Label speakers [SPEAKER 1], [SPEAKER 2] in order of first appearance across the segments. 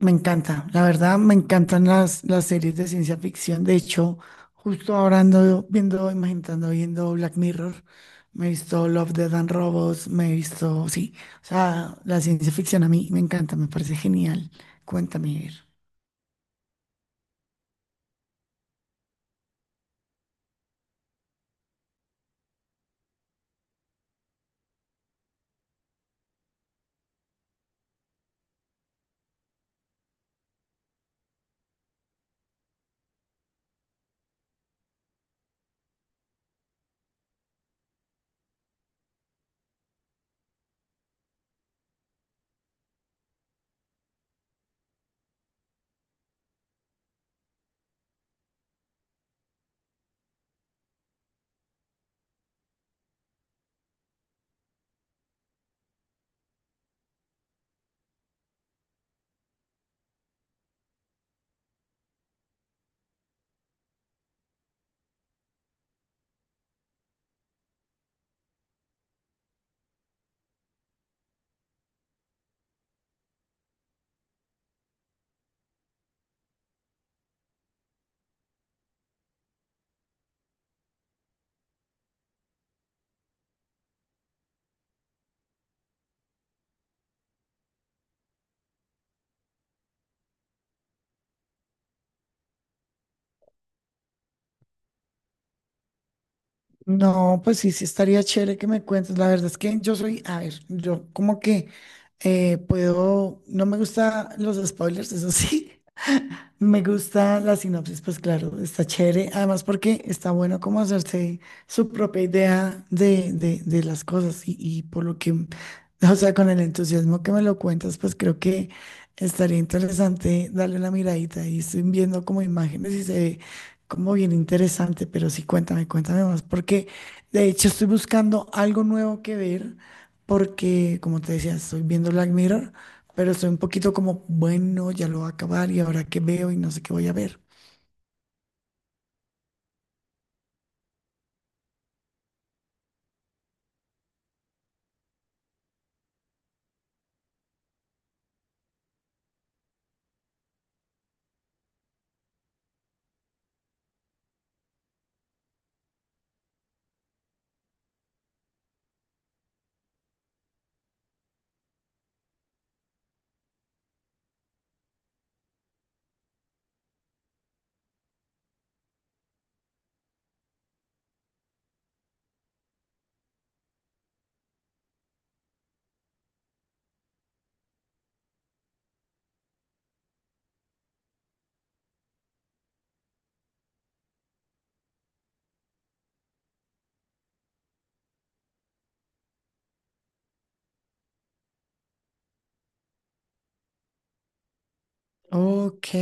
[SPEAKER 1] Me encanta, la verdad me encantan las series de ciencia ficción. De hecho, justo ahora ando viendo, imaginando, viendo Black Mirror. Me he visto Love, Death and Robots, me he visto, sí. O sea, la ciencia ficción a mí me encanta, me parece genial. Cuéntame, a ver. No, pues sí, sí estaría chévere que me cuentes. La verdad es que yo soy, a ver, yo como que puedo, no me gustan los spoilers, eso sí. Me gusta la sinopsis, pues claro, está chévere. Además, porque está bueno como hacerse su propia idea de las cosas y por lo que, o sea, con el entusiasmo que me lo cuentas, pues creo que estaría interesante darle una miradita y estoy viendo como imágenes y se ve como bien interesante, pero sí, cuéntame, cuéntame más, porque de hecho estoy buscando algo nuevo que ver, porque como te decía, estoy viendo Black Mirror pero estoy un poquito como, bueno, ya lo voy a acabar y ahora qué veo y no sé qué voy a ver. Ok.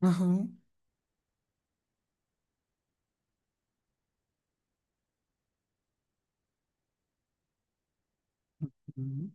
[SPEAKER 1] Ajá. Ujú.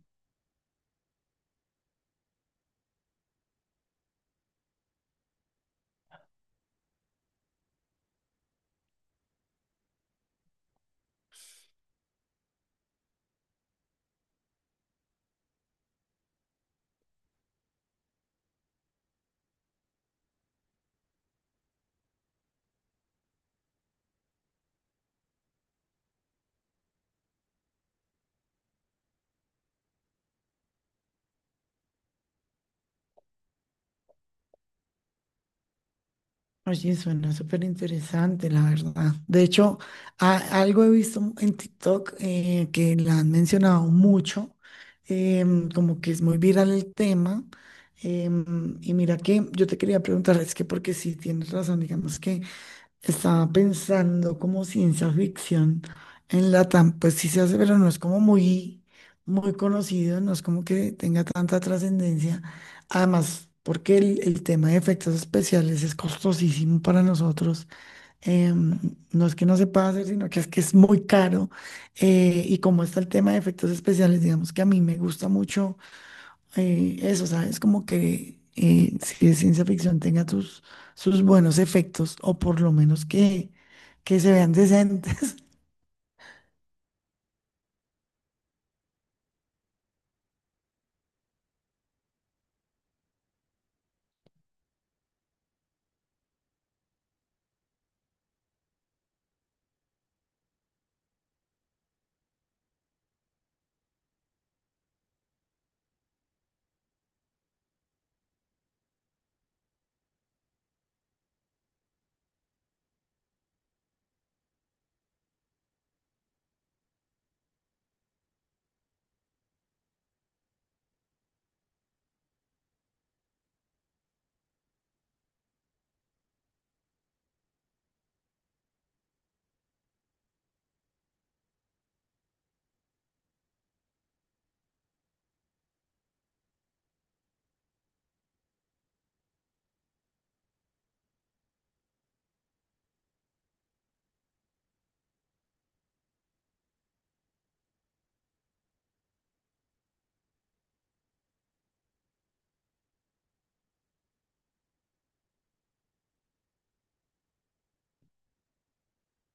[SPEAKER 1] Oye, suena súper interesante, la verdad. De hecho, a- algo he visto en TikTok que la han mencionado mucho, como que es muy viral el tema. Y mira que yo te quería preguntar, es que porque sí tienes razón, digamos que estaba pensando como ciencia ficción en Latam, pues sí se hace, pero no es como muy, muy conocido, no es como que tenga tanta trascendencia. Además, porque el tema de efectos especiales es costosísimo para nosotros. Em, no es que no se pueda hacer, sino que es muy caro. Y como está el tema de efectos especiales, digamos que a mí me gusta mucho eso, ¿sabes? Como que si es ciencia ficción tenga sus, sus buenos efectos o por lo menos que se vean decentes.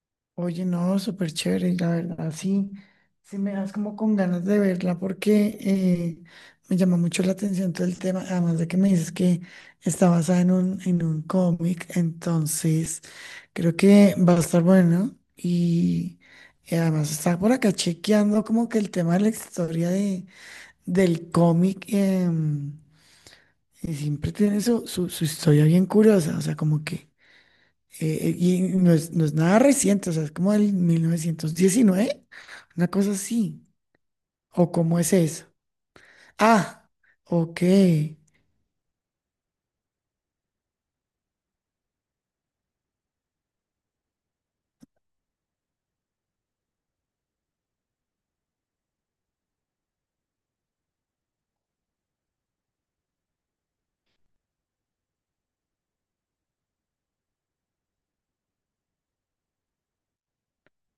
[SPEAKER 1] Oye, no, súper chévere, la verdad, sí, sí me das como con ganas de verla porque me llama mucho la atención todo el tema, además de que me dices que está basada en un cómic, entonces creo que va a estar bueno y además está por acá chequeando como que el tema de la historia del cómic siempre tiene su historia bien curiosa, o sea, como que, y no es, no es nada reciente, o sea, es como del 1919, una cosa así, o cómo es eso. Ah, ok.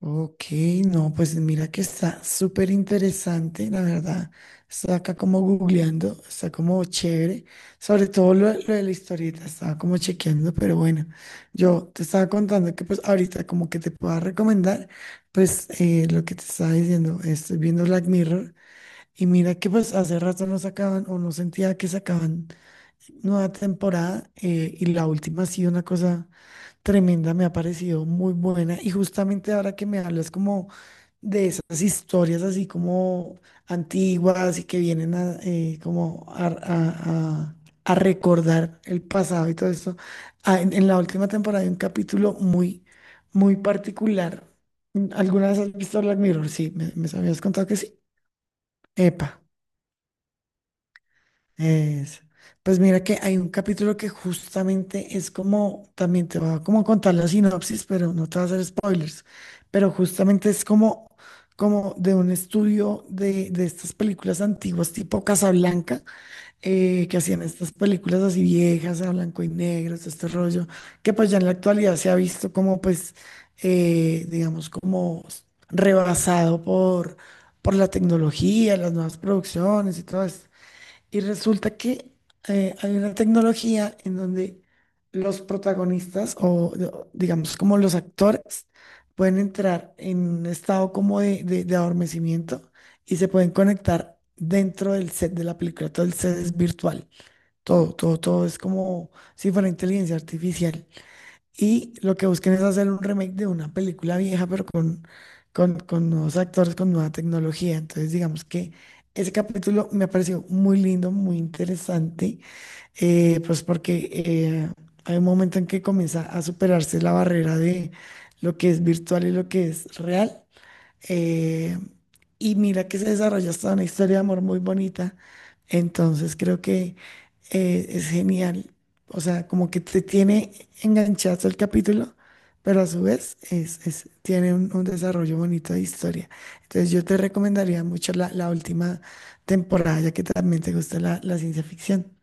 [SPEAKER 1] Ok, no, pues mira que está súper interesante, la verdad. Está acá como googleando, está como chévere. Sobre todo lo de la historieta, estaba como chequeando, pero bueno, yo te estaba contando que pues ahorita como que te pueda recomendar, pues lo que te estaba diciendo, estoy viendo Black Mirror y mira que pues hace rato no sacaban o no sentía que sacaban nueva temporada y la última ha sido una cosa... tremenda, me ha parecido muy buena. Y justamente ahora que me hablas como de esas historias así como antiguas y que vienen a, como a recordar el pasado y todo esto, ah, en la última temporada hay un capítulo muy, muy particular. ¿Alguna vez has visto Black Mirror? Sí, me habías contado que sí. Epa. Es, pues mira que hay un capítulo que justamente es como, también te voy a como contar la sinopsis, pero no te voy a hacer spoilers, pero justamente es como, como de un estudio de estas películas antiguas tipo Casablanca, que hacían estas películas así viejas, a blanco y negro, todo este rollo, que pues ya en la actualidad se ha visto como pues, digamos, como rebasado por la tecnología, las nuevas producciones y todo esto. Y resulta que hay una tecnología en donde los protagonistas o o digamos como los actores pueden entrar en un estado como de, de adormecimiento y se pueden conectar dentro del set de la película. Todo el set es virtual. Todo, todo, todo es como si fuera inteligencia artificial. Y lo que buscan es hacer un remake de una película vieja, pero con, con nuevos actores, con nueva tecnología. Entonces, digamos que ese capítulo me ha parecido muy lindo, muy interesante, pues porque hay un momento en que comienza a superarse la barrera de lo que es virtual y lo que es real. Eh, y mira que se desarrolla hasta una historia de amor muy bonita. Entonces creo que es genial. O sea, como que te tiene enganchado el capítulo, pero a su vez es, tiene un desarrollo bonito de historia. Entonces yo te recomendaría mucho la última temporada, ya que también te gusta la ciencia ficción.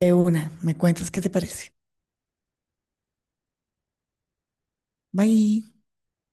[SPEAKER 1] De una, me cuentas qué te parece. Bye.